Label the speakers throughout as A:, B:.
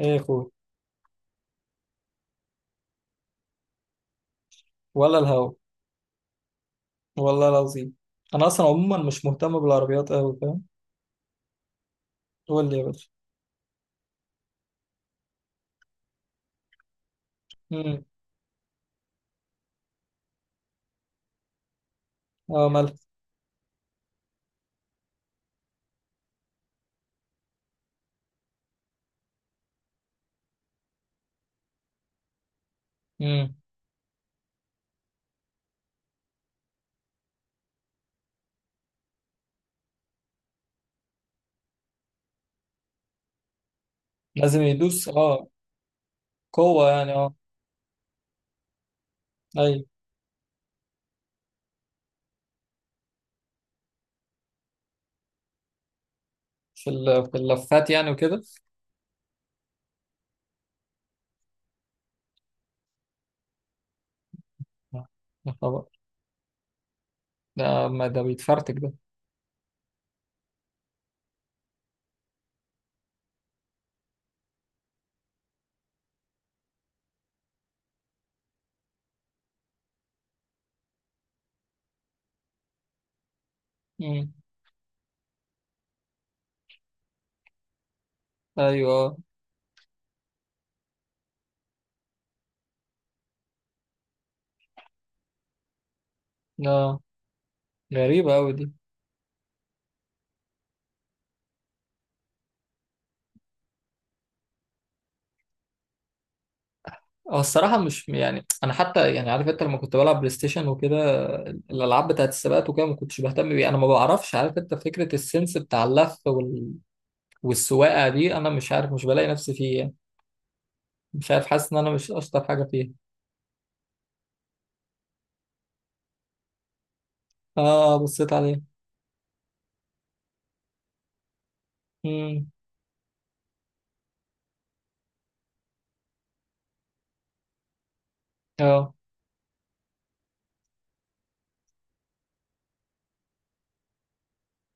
A: ايه يا اخوي. ولا الهوا. والله العظيم، انا اصلا عموما مش مهتم بالعربيات قوي، فاهم. قول لي يا باشا. امم. اه، مالك. امم. لازم يدوس، اه. قوه يعني، اه. ايوه. في اللفات يعني وكده. آه. يا خبر، ده ما ده بيتفرتك ده. امم. ايوه. اه. آه، غريبه قوي دي. اه، الصراحه، مش يعني، انا حتى يعني، عارف انت لما كنت بلعب بلاي ستيشن وكده، الالعاب بتاعت السباقات وكده، ما كنتش بهتم بيها. انا ما بعرفش، عارف انت، فكره السنس بتاع اللف والسواقه دي، انا مش عارف، مش بلاقي نفسي فيه يعني. مش عارف، حاسس ان انا مش اشطر حاجه فيها. اه، بصيت عليه. امم. اه.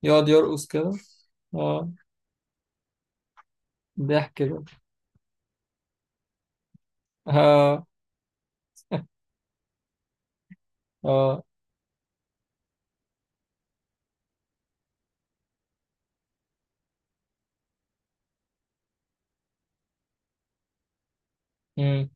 A: يقعد يرقص كده، اه. ضحك ده. اه. اه. امم.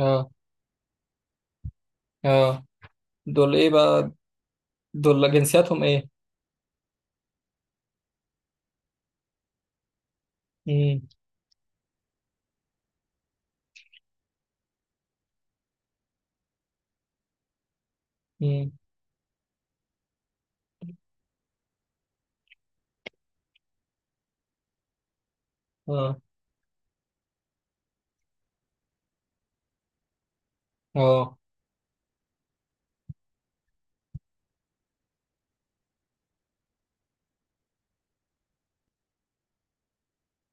A: اه. اه، دول ايه بقى؟ دول جنسياتهم ايه؟ امم. امم. اه. اه،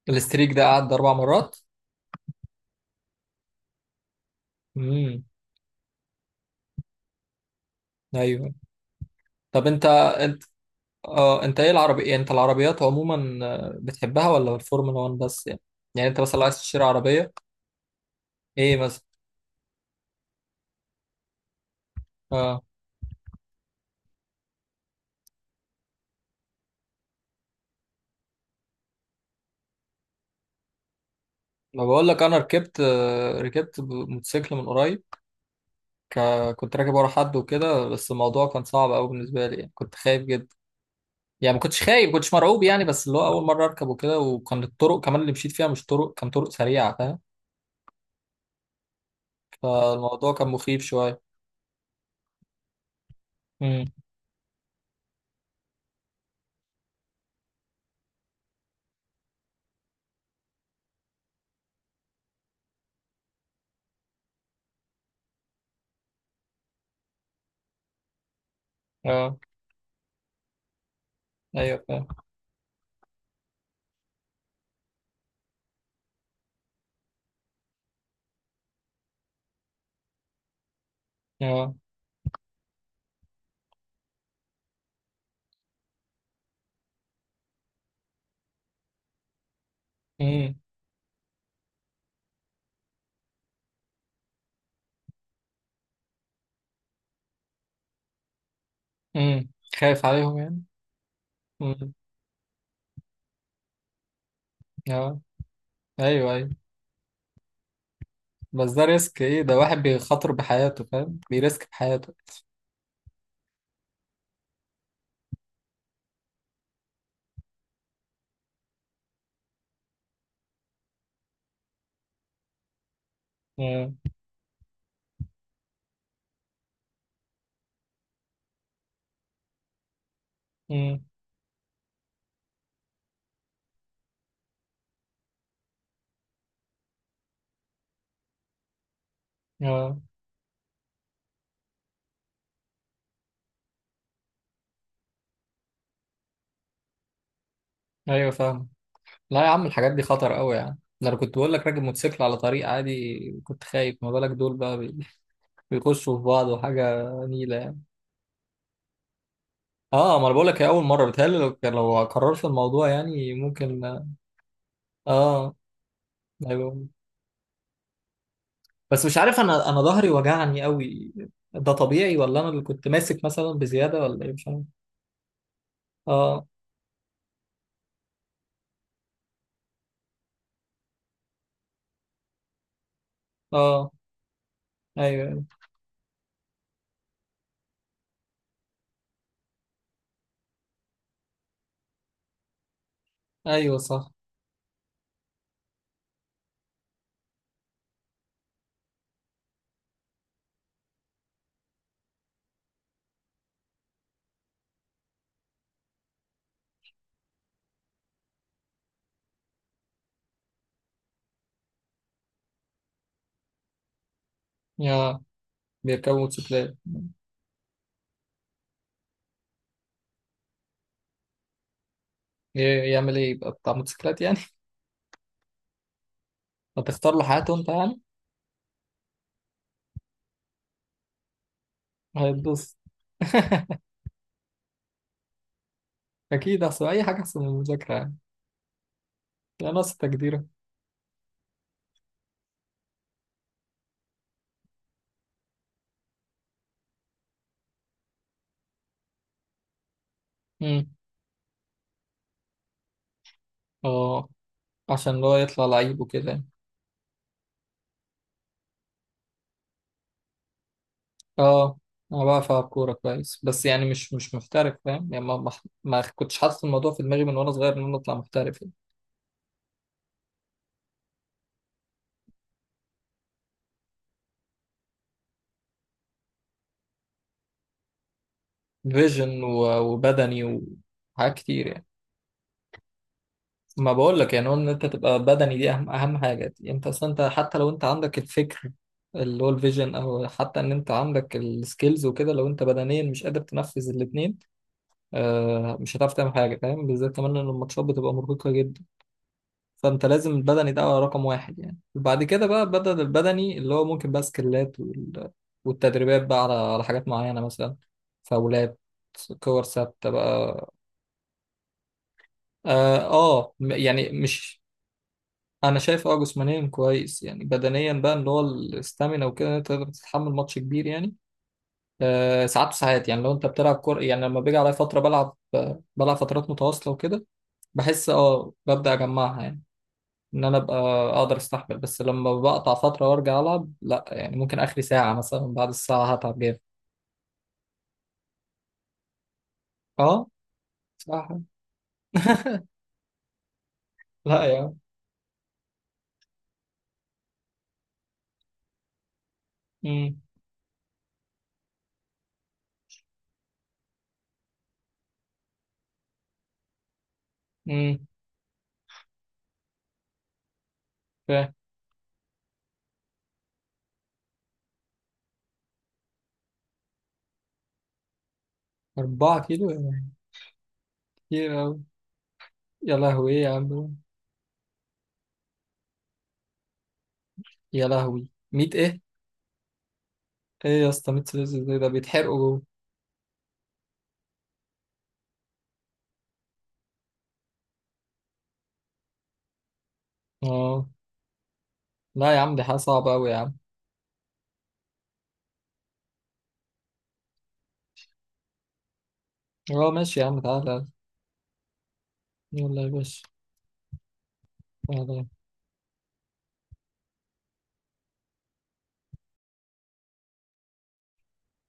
A: الاستريك ده قعد اربع مرات؟ امم. ايوه. طب انت، اه، انت ايه العربي يعني، انت العربيات عموما، آه، بتحبها ولا الفورمولا 1 بس يعني؟ يعني انت مثلا لو عايز تشتري عربيه، ايه مثلا؟ آه. ما بقول لك، انا ركبت، آه، ركبت موتوسيكل من قريب. كنت راكب ورا حد وكده، بس الموضوع كان صعب قوي بالنسبه لي يعني، كنت خايف جدا. يعني ما كنتش خايف، ما كنتش مرعوب يعني، بس اللي هو اول مره اركب وكده، وكان الطرق كمان اللي مشيت فيها مش طرق، كان طرق سريعه فاهم. فالموضوع كان مخيف شويه. امم. اه. ايوه فاهم. اه. امم. امم. خايف عليهم يعني. امم. اه. ايوه ايوه. بس ده ريسك ايه؟ ده واحد بيخاطر بحياته فاهم، بيريسك بحياته. امم. امم. اه. ايوه فاهم. لا يا عم، الحاجات دي خطر قوي يعني. ده انا كنت بقول لك، راكب موتوسيكل على طريق عادي كنت خايف، ما بالك دول بقى بيخشوا في بعض وحاجه نيله يعني. اه، ما انا بقول لك، هي اول مره. بتهيألي لو لو قررت الموضوع يعني ممكن. اه. ايوه بس مش عارف، انا ظهري وجعني قوي. ده طبيعي، ولا انا اللي كنت ماسك مثلا بزياده، ولا ايه مش عارف. اه. اه. ايوه ايوه صح. يا. بيركبوا موتوسيكلات؟ يعمل ايه، يبقى بتاع موتوسيكلات يعني؟ هتختار له حياته انت يعني؟ هيتبسط. أكيد أحسن، أي حاجة أحسن من المذاكرة يعني. يعني ناقص تقديرك. أمم. أه، عشان اللي هو يطلع لعيب وكده يعني. أه، أنا بعرف ألعب كورة كويس، بس يعني مش محترف فاهم يعني، ما كنتش حاطط الموضوع في دماغي من وأنا صغير إن أنا أطلع محترف يعني. فيجن وبدني وحاجات كتير يعني. ما بقول لك يعني، هو إن أنت تبقى بدني دي أهم أهم حاجة دي. أنت أصلا، أنت حتى لو أنت عندك الفكر اللي هو الفيجن، أو حتى إن أنت عندك السكيلز وكده، لو أنت بدنيا مش قادر تنفذ الاتنين، آه، مش هتعرف تعمل حاجه فاهم، بالذات كمان ان الماتشات بتبقى مرهقه جدا. فانت لازم البدني ده رقم واحد يعني، وبعد كده بقى بدل البدني اللي هو ممكن بقى سكيلات والتدريبات بقى على حاجات معينه مثلا، فاولات، كور ثابته بقى. اه. آه، يعني مش. انا شايف اه، جسمانيا كويس يعني، بدنيا بقى اللي هو الاستامينا وكده، إن انت تقدر تتحمل ماتش كبير يعني، آه، ساعات وساعات. يعني لو انت بتلعب كوره يعني، لما بيجي عليا فتره بلعب فترات متواصله وكده، بحس، اه، ببدأ أجمعها يعني، إن أنا أبقى أقدر أستحمل. بس لما بقطع فترة وأرجع ألعب، لأ يعني، ممكن آخري ساعة مثلا، بعد الساعة هتعب جامد. اه صح. لا يا عم. امم. امم. فاهم. أربعة كيلو يعني؟ كتير أوي. يا لهوي، إيه يا عم؟ يا لهوي، ميت إيه؟ إيه يا اسطى، ميت سلسلة؟ زي ده بيتحرقوا جوه. اه. لا يا عم، دي حاجة صعبة أوي يا عم. اه ماشي يا عم، تعالى. يلا يا باشا. تعالى.